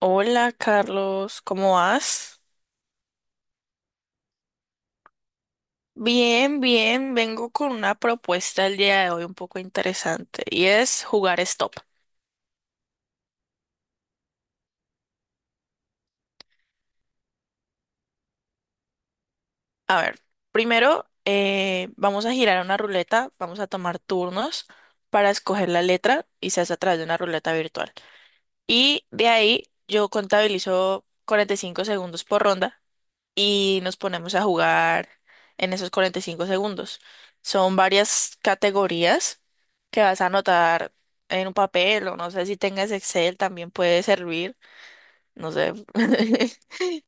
Hola Carlos, ¿cómo vas? Bien, bien, vengo con una propuesta el día de hoy un poco interesante y es jugar stop. A ver, primero vamos a girar una ruleta, vamos a tomar turnos para escoger la letra y se hace a través de una ruleta virtual. Y de ahí yo contabilizo 45 segundos por ronda y nos ponemos a jugar en esos 45 segundos. Son varias categorías que vas a anotar en un papel o no sé si tengas Excel también puede servir, no sé,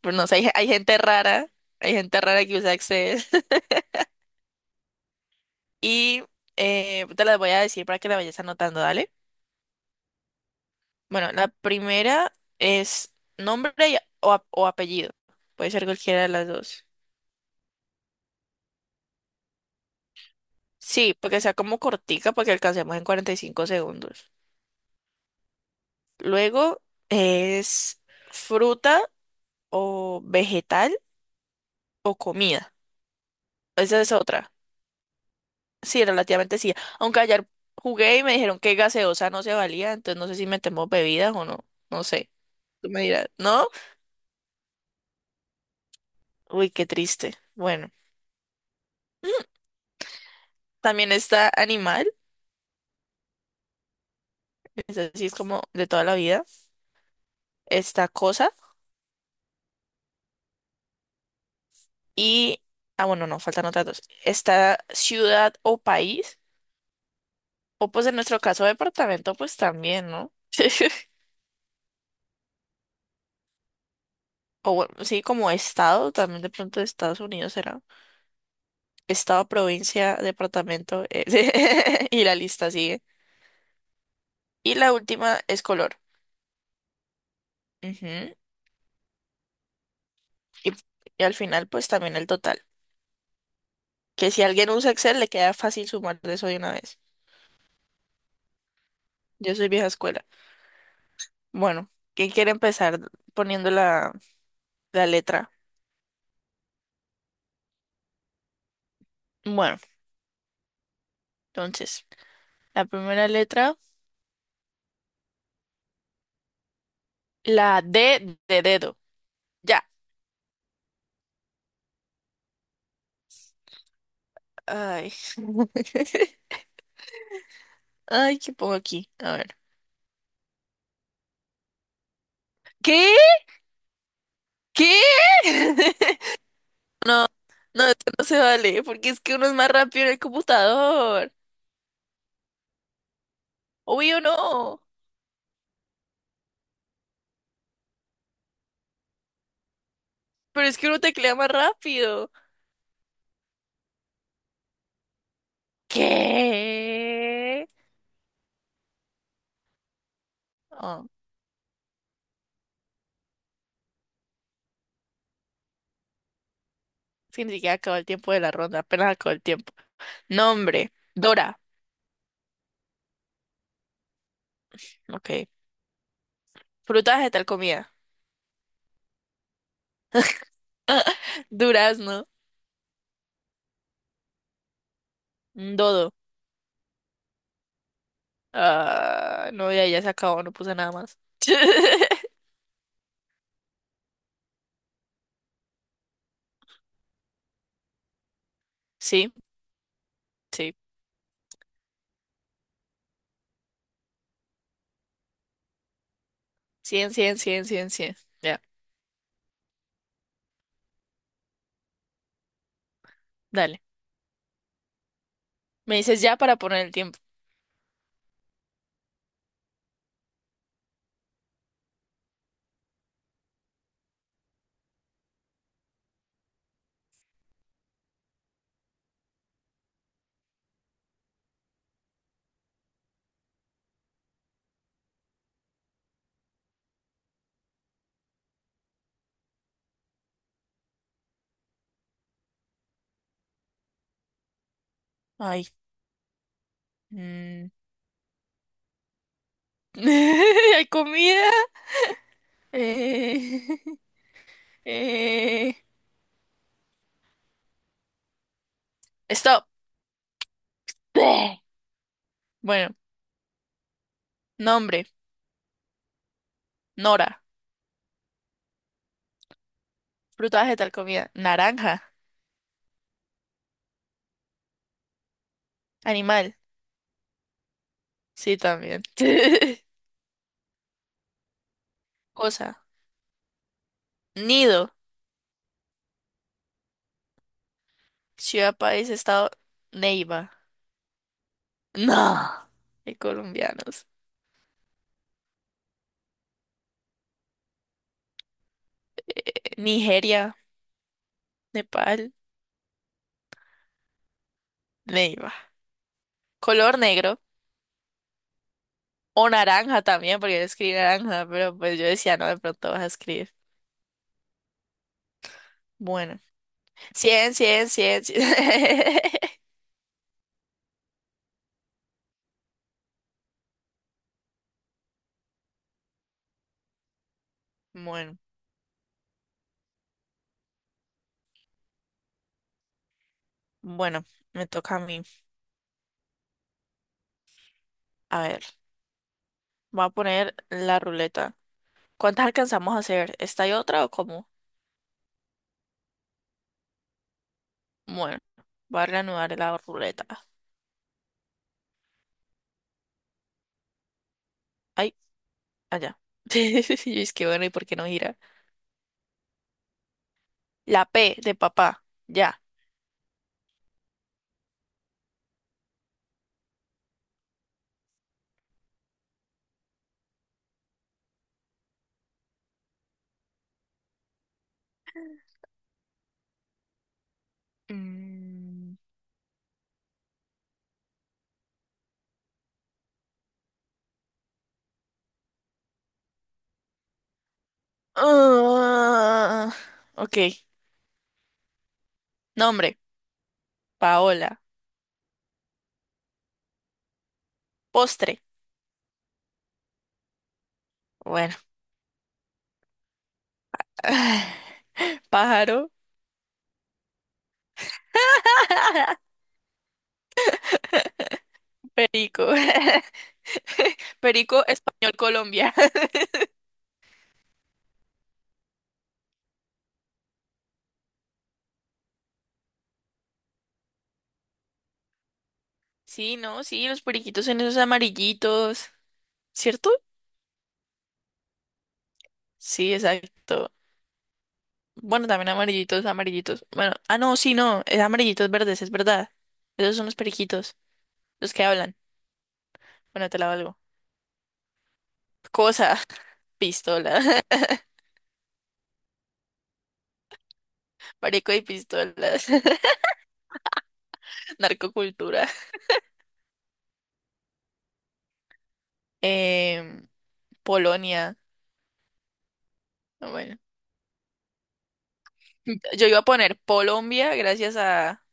pero no sé, hay gente rara, hay gente rara que usa Excel y te las voy a decir para que la vayas anotando, dale. Bueno, la primera es nombre o apellido, puede ser cualquiera de las dos. Sí, porque sea como cortica, porque alcancemos en 45 segundos. Luego es fruta o vegetal o comida. Esa es otra. Sí, relativamente sí. Aunque ayer jugué y me dijeron que gaseosa no se valía, entonces no sé si metemos bebidas o no. No sé. Tú me dirás, ¿no? Uy, qué triste. Bueno, también está animal, es así, es como de toda la vida. Está cosa y... Ah, bueno, no, faltan otras dos. Está ciudad o país, o pues en nuestro caso departamento, pues también, ¿no? O bueno, sí, como estado, también de pronto de Estados Unidos será. Estado, provincia, departamento, y la lista sigue. Y la última es color. Ujú. Y, y al final, pues también el total. Que si alguien usa Excel, le queda fácil sumar de eso de una vez. Yo soy vieja escuela. Bueno, ¿quién quiere empezar poniendo la letra? Bueno, entonces, la primera letra, la D de dedo. Ya. Ay. Ay, ¿qué pongo aquí? A ver. ¿Qué? ¿Qué? No, no, esto no se vale, porque es que uno es más rápido en el computador. Obvio no, pero es que uno teclea más rápido. ¿Qué? Oh, es que ni siquiera acabó el tiempo de la ronda, apenas acabó el tiempo. Nombre, Dora. Ok. Frutas de tal comida. Durazno, un dodo. Ah, no, ya, ya se acabó, no puse nada más. Sí, sí. Cien, cien, cien, cien, cien. Ya, dale. Me dices ya para poner el tiempo. Ay. mm, Hay comida. Eh, eh, Stop. Bleh. Bueno, nombre. Nora. Fruta, vegetal, comida. Naranja. Animal. Sí, también. Cosa. Nido. Ciudad, país, estado. Neiva. No. Hay colombianos. Nigeria. Nepal. Neiva. Color negro. O naranja también, porque yo escribí naranja, pero pues yo decía, no, de pronto vas a escribir. Bueno. 100 100 100 100. Bueno, bueno, me toca a mí. A ver, voy a poner la ruleta. ¿Cuántas alcanzamos a hacer? ¿Esta y otra o cómo? Bueno, voy a reanudar la ruleta. Ay, allá. Y es que bueno, ¿y por qué no gira? La P de papá. Ya. Mm. Ah, ok. Nombre, Paola. Postre. Bueno. Pájaro. Perico. Perico, español, Colombia. Sí, no, sí, los periquitos son esos amarillitos, ¿cierto? Sí, exacto. Bueno, también amarillitos, amarillitos. Bueno, ah, no, sí, no, es amarillitos verdes, es verdad. Esos son los periquitos, los que hablan. Bueno, te la valgo. Cosa, pistola, marico y pistolas, narcocultura, em, Polonia. Ah, bueno, yo iba a poner Colombia gracias a,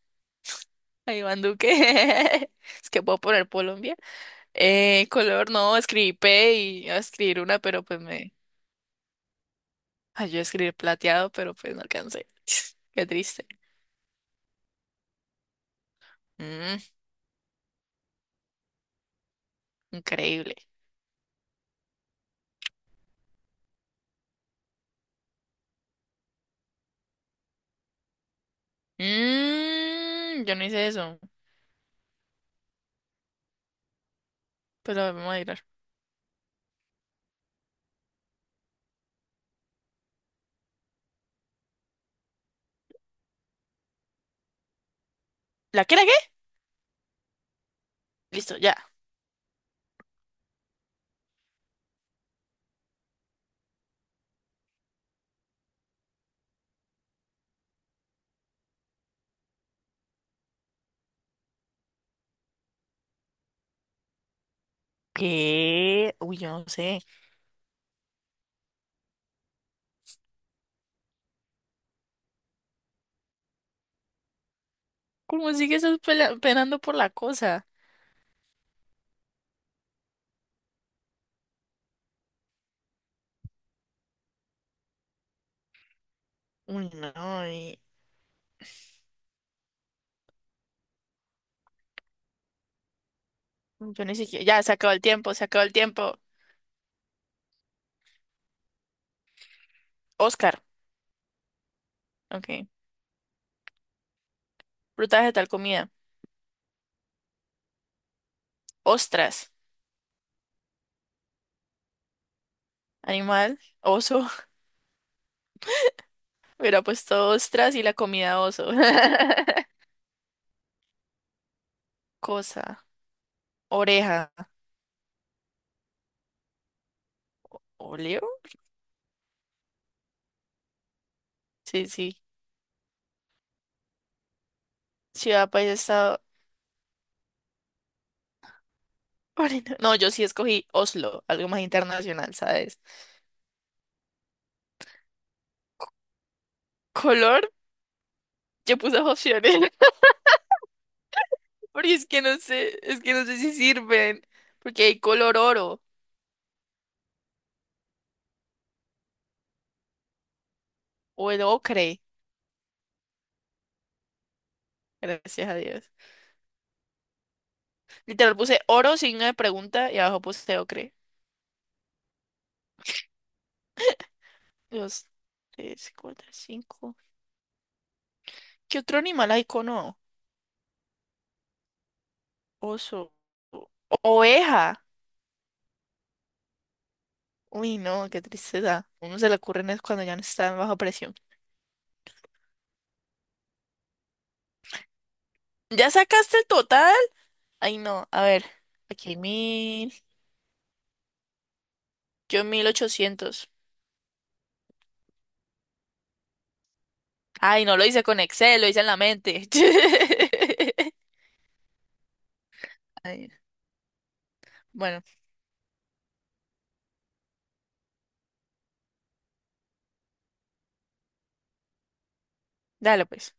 a Iván Duque. Es que puedo poner Colombia. Color no, escribí P y iba a escribir una, pero pues me ayudó a escribir plateado, pero pues no alcancé. Qué triste. Mm, Increíble. Yo no hice eso. Pues la vamos a tirar. ¿La qué, la qué? Listo, ya. ¿Qué? Uy, yo no sé. ¿Cómo sigues penando por la cosa? Uy, no. Yo ni siquiera. Ya, se acabó el tiempo, se acabó el tiempo. Oscar. Ok. Fruta, vegetal, comida. Ostras. Animal. Oso. Hubiera puesto ostras y la comida oso. Cosa. Oreja. ¿Oleo? Sí, sí. Ciudad, país, estado. No, yo sí escogí Oslo, algo más internacional, ¿sabes? Color, yo puse opciones. Porque es que no sé si sirven. Porque hay color oro o el ocre. Gracias a Dios. Literal puse oro, signo de pregunta y abajo puse ocre. Dos, tres, cuatro, cinco. ¿Qué otro animal hay con O? Oso. Oveja. Uy, no, qué tristeza. Uno se le ocurren es cuando ya no está en baja presión. ¿Ya sacaste el total? Ay, no, a ver. Aquí hay 1000. Yo 1800. Ay, no lo hice con Excel, lo hice en la mente. Ay, bueno, dale pues.